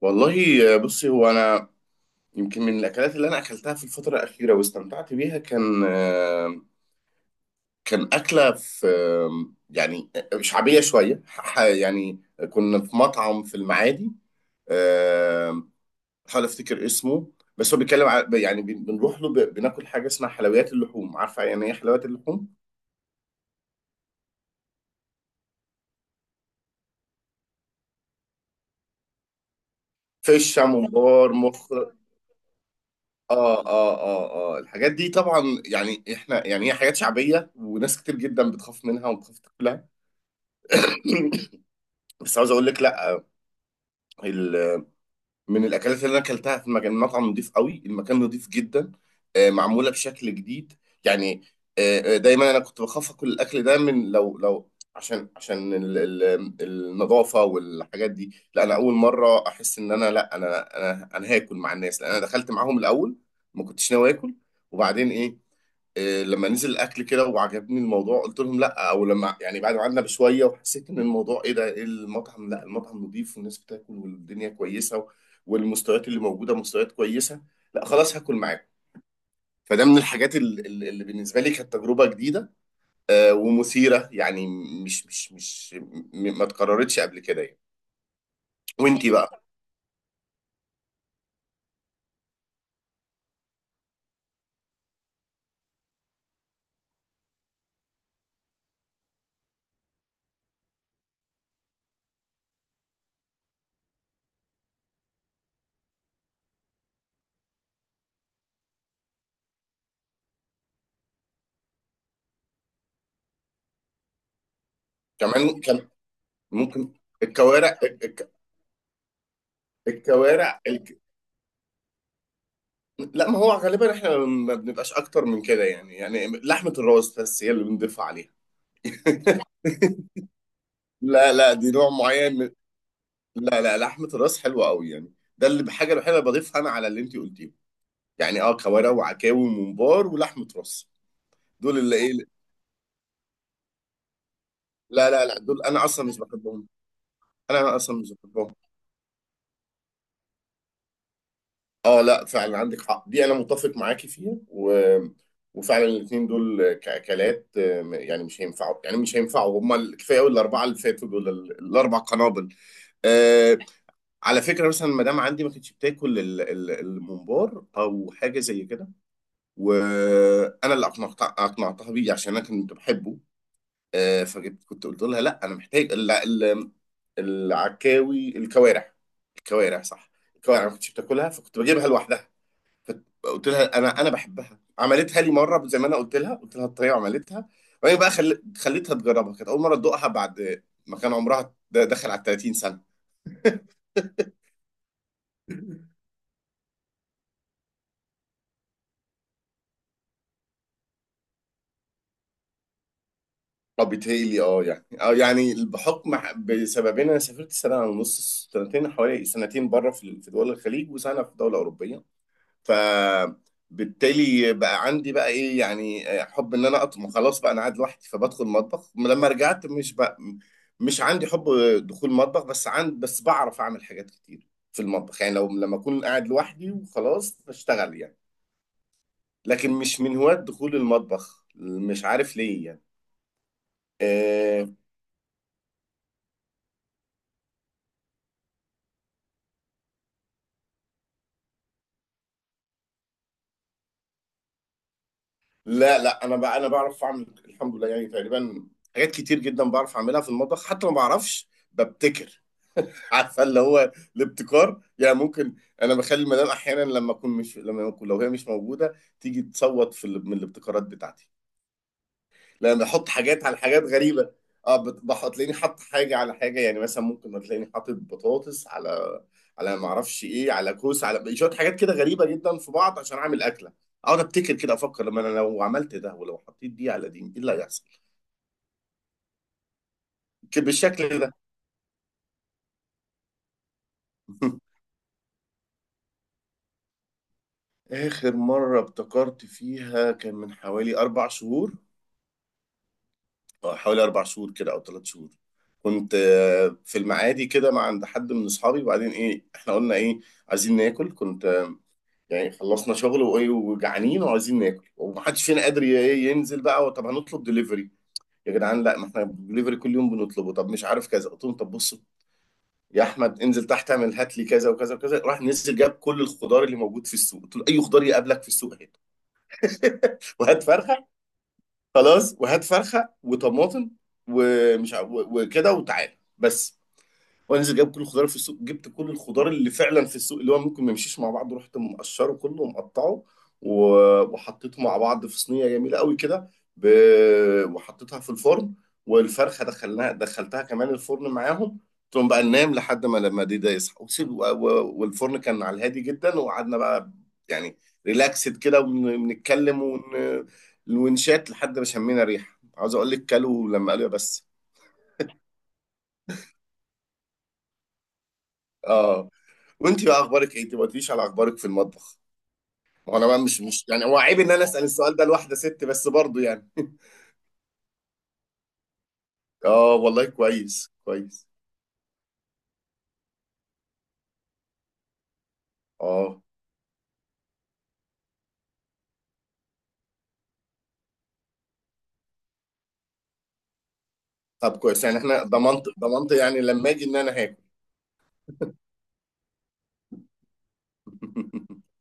والله بصي هو انا يمكن من الاكلات اللي انا اكلتها في الفتره الاخيره واستمتعت بيها كان كان اكله في يعني شعبيه شويه كنا في مطعم في المعادي. آه، بحاول افتكر اسمه. بس هو بيتكلم على بنروح له بناكل حاجه اسمها حلويات اللحوم. عارفه يعني ايه حلويات اللحوم؟ فشه ممبار مخ. اه اه. اه اه الحاجات دي طبعا يعني احنا يعني هي حاجات شعبيه وناس كتير جدا بتخاف منها وبتخاف تاكلها. بس عاوز اقول لك لا، ال- من الاكلات اللي انا اكلتها في مكان مطعم نضيف قوي، المكان نضيف جدا، معموله بشكل جديد يعني. دايما انا كنت بخاف اكل الاكل ده من لو عشان عشان النظافه والحاجات دي. لا انا اول مره احس ان انا لا انا هاكل مع الناس، لان انا دخلت معاهم الاول. ما كنتش ناوي اكل وبعدين ايه، لما نزل الاكل كده وعجبني الموضوع قلت لهم لا، او لما يعني بعد ما قعدنا بشويه وحسيت ان الموضوع ايه ده، إيه المطعم لا المطعم نضيف والناس بتاكل والدنيا كويسه والمستويات اللي موجوده مستويات كويسه، لا خلاص هاكل معاكم. فده من الحاجات اللي بالنسبه لي كانت تجربه جديده ومثيره يعني. مش مش مش م- ما اتكررتش قبل كده يعني. وانتي بقى؟ كمان كان ممكن الكوارع الكوارع. لا ما هو غالبا احنا ما بنبقاش اكتر من كده يعني، يعني لحمة الراس بس هي اللي بنضيف عليها. لا لا دي نوع معين من... لا لا لحمة الراس حلوة قوي يعني، ده اللي بحاجة الوحيدة اللي بضيفها انا على اللي انت قلتيه، يعني اه كوارع وعكاوي وممبار ولحمة راس. دول اللي ايه، لا لا لا دول انا اصلا مش بحبهم. انا اصلا مش بحبهم. اه لا فعلا عندك حق، دي انا متفق معاكي فيها و... وفعلا الاثنين دول كاكلات يعني مش هينفعوا، يعني مش هينفعوا. هم كفايه قوي الاربعه اللي فاتوا دول الاربع قنابل. آه، على فكرة مثلا المدام عندي ما كانتش بتاكل الممبار أو حاجة زي كده، وأنا اللي أقنعتها بيه عشان أنا كنت بحبه. آه، فجبت كنت قلت لها لا أنا محتاج العكاوي الكوارع، الكوارع صح. الكوارع ما كنتش بتاكلها فكنت بجيبها لوحدها. قلت لها أنا بحبها، عملتها لي مرة زي ما أنا قلت لها، قلت لها الطريقة وعملتها. وبعدين بقى خليتها تجربها، كانت أول مرة تدوقها بعد ما كان عمرها داخل على 30 سنة. اه بيتهيألي اه يعني اه يعني بحكم بسببين، انا سافرت سنه ونص سنتين، حوالي سنتين بره في دول الخليج، وسنه في دوله اوروبيه. فبالتالي بقى عندي بقى ايه يعني حب ان انا اطبخ، خلاص بقى انا قاعد لوحدي فبدخل مطبخ. لما رجعت مش بقى مش عندي حب دخول مطبخ، بس عند بس بعرف اعمل حاجات كتير في المطبخ يعني، لو لما اكون قاعد لوحدي وخلاص بشتغل يعني. لكن مش من هواة دخول المطبخ، مش عارف ليه يعني. آه، لا لا انا بقى انا بعرف اعمل الحمد لله يعني، تقريبا حاجات كتير جدا بعرف اعملها في المطبخ، حتى ما بعرفش ببتكر. عارفه اللي هو الابتكار يعني. ممكن انا بخلي المدام احيانا لما اكون مش لما اكون لو هي مش موجوده تيجي تصوت في من الابتكارات بتاعتي، لان احط حاجات على حاجات غريبه. اه تلاقيني حاطط حاجه على حاجه، يعني مثلا ممكن تلاقيني حاطط بطاطس على على ما اعرفش ايه، على كوسه، على شويه حاجات كده غريبه جدا في بعض عشان اعمل اكله. اقعد ابتكر كده، افكر لما انا لو عملت ده ولو حطيت دي على دي ايه اللي هيحصل، كده بالشكل ده. اخر مره ابتكرت فيها كان من حوالي اربع شهور. اه حوالي اربع شهور كده او ثلاث شهور. كنت في المعادي كده مع عند حد من اصحابي، وبعدين ايه احنا قلنا ايه، عايزين ناكل. كنت يعني خلصنا شغل وايه وجعانين وعايزين ناكل، ومحدش فينا قادر ي- إيه ينزل. بقى طب هنطلب دليفري، يا جدعان لا ما احنا دليفري كل يوم بنطلبه، طب مش عارف كذا. قلت لهم طب بصوا يا احمد انزل تحت اعمل هات لي كذا وكذا وكذا. راح نزل جاب كل الخضار اللي موجود في السوق، قلت له اي خضار يقابلك في السوق هات، وهات فرخه. خلاص وهات فرخه وطماطم وكده وتعالى بس. وانزل جايب كل الخضار في السوق، جبت كل الخضار اللي فعلا في السوق اللي هو ممكن ما يمشيش مع بعض، رحت مقشره كله ومقطعه وحطيته مع بعض في صينيه جميله قوي كده ب... وحطيتها في الفرن. والفرخه دخلتها كمان الفرن معاهم. تقوم بقى ننام لحد ما لما دي ده يصحى وسيب والفرن كان على الهادي جدا. وقعدنا بقى يعني ريلاكسد كده ونتكلم ونشات لحد ما شمينا ريحه، عاوز اقول لك كلوا لما قالوا يا بس. اه وانت بقى اخبارك ايه؟ انت ما قلتليش على اخبارك في المطبخ. وانا بقى مش مش يعني هو عيب ان انا اسال السؤال ده لواحده ست بس برضه يعني. اه والله كويس كويس. اه طب كويس، يعني احنا ضمنت، ضمنت يعني لما اجي ان انا هاكل.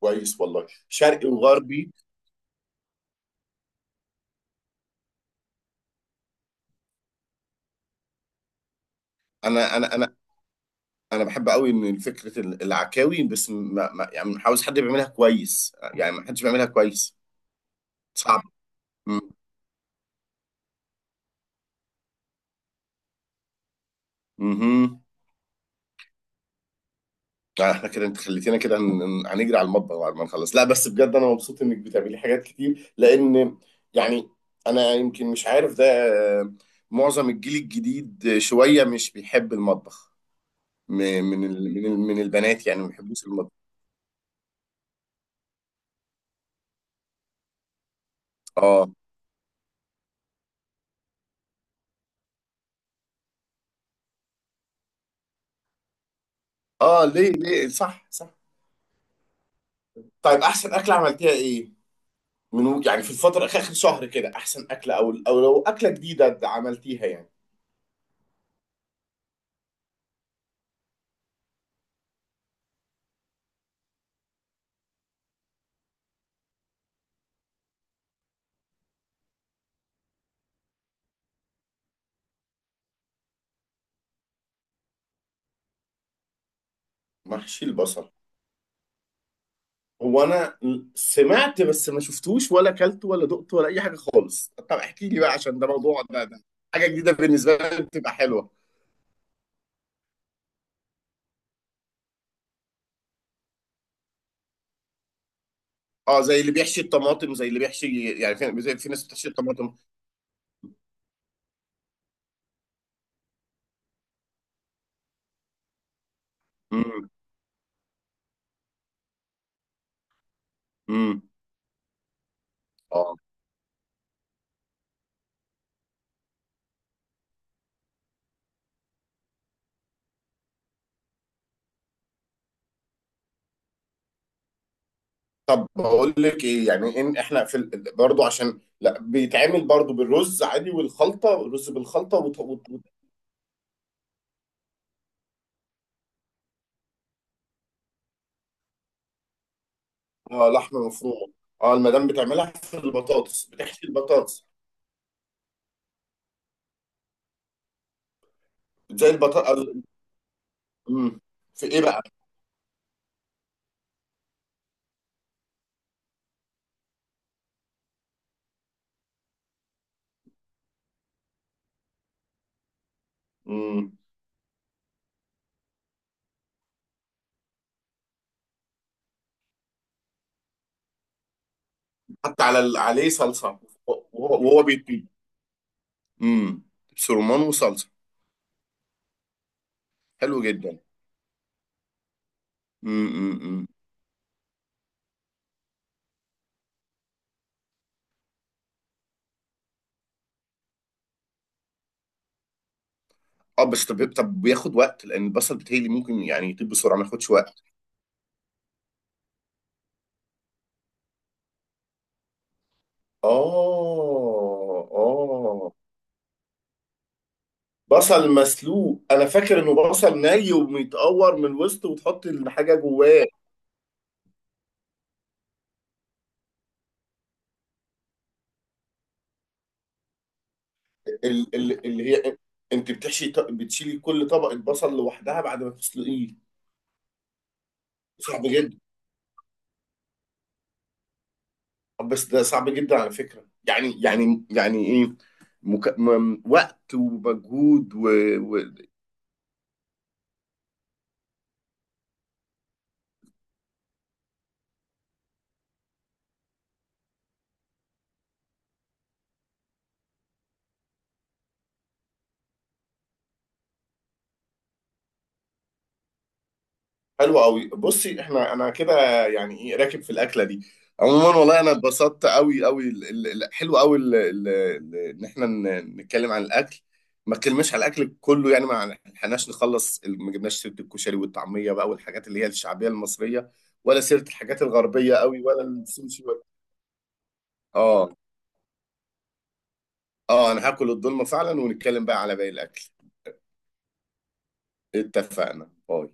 كويس والله شرقي وغربي. انا انا انا انا بحب قوي ان فكره العكاوي، بس ما ما يعني مش عاوز حد، بيعملها كويس يعني ما حدش بيعملها كويس، صعب. مهم. لا احنا كده انت خليتينا كده هنجري على المطبخ بعد ما نخلص. لا بس بجد انا مبسوط انك بتعملي حاجات كتير، لان يعني انا يمكن مش عارف ده. آه، معظم الجيل الجديد شوية مش بيحب المطبخ، م- من ال من ال من البنات يعني ما بيحبوش المطبخ. اه اه ليه ليه صح صح. طيب احسن اكلة عملتيها ايه، من يعني في الفترة اخر آخر شهر كده، احسن اكلة او او لو اكلة جديدة عملتيها يعني. محشي البصل؟ هو انا سمعت بس ما شفتوش ولا اكلته ولا دقته ولا اي حاجه خالص، طب احكي لي بقى عشان ده موضوع ده, ده حاجه جديده بالنسبه لي بتبقى حلوه. اه زي اللي بيحشي الطماطم، زي اللي بيحشي يعني في زي في ناس بتحشي الطماطم. امم. امم. اه طب بقول لك ايه، يعني ان احنا برضو عشان لا بيتعمل برضو بالرز عادي والخلطه، الرز بالخلطه آه لحمه مفرومه. اه المدام بتعملها في البطاطس بتحشي البطاطس، زي البطاطس. امم. في ايه بقى، حتى على عليه صلصه. وهو بيطيب. امم. سرمان وصلصه. حلو جدا. امم. امم. اه بس طب بياخد وقت، لان البصل بتهيألي ممكن يعني يطيب بسرعه ما ياخدش وقت. اه اه. بصل مسلوق، انا فاكر انه بصل ني ومتقور من الوسط وتحط الحاجه جواه. ال- ال- اللي هي انت بتحشي بتشيلي كل طبقه بصل لوحدها بعد ما تسلقيه؟ صعب جدا. بس ده صعب جدا على فكرة يعني يعني يعني ايه وقت ومجهود و... حلو قوي. بصي احنا انا كده يعني ايه راكب في الاكله دي. عموما والله انا اتبسطت قوي قوي حلو قوي ان احنا نتكلم عن الاكل. ما اتكلمناش على الاكل كله يعني، ما لحقناش نخلص ما جبناش سيره الكشري والطعميه بقى والحاجات اللي هي الشعبيه المصريه، ولا سيره الحاجات الغربيه قوي ولا السوشي ولا، اه. اه انا هاكل الدولمه فعلا ونتكلم بقى على باقي الاكل. اتفقنا باي.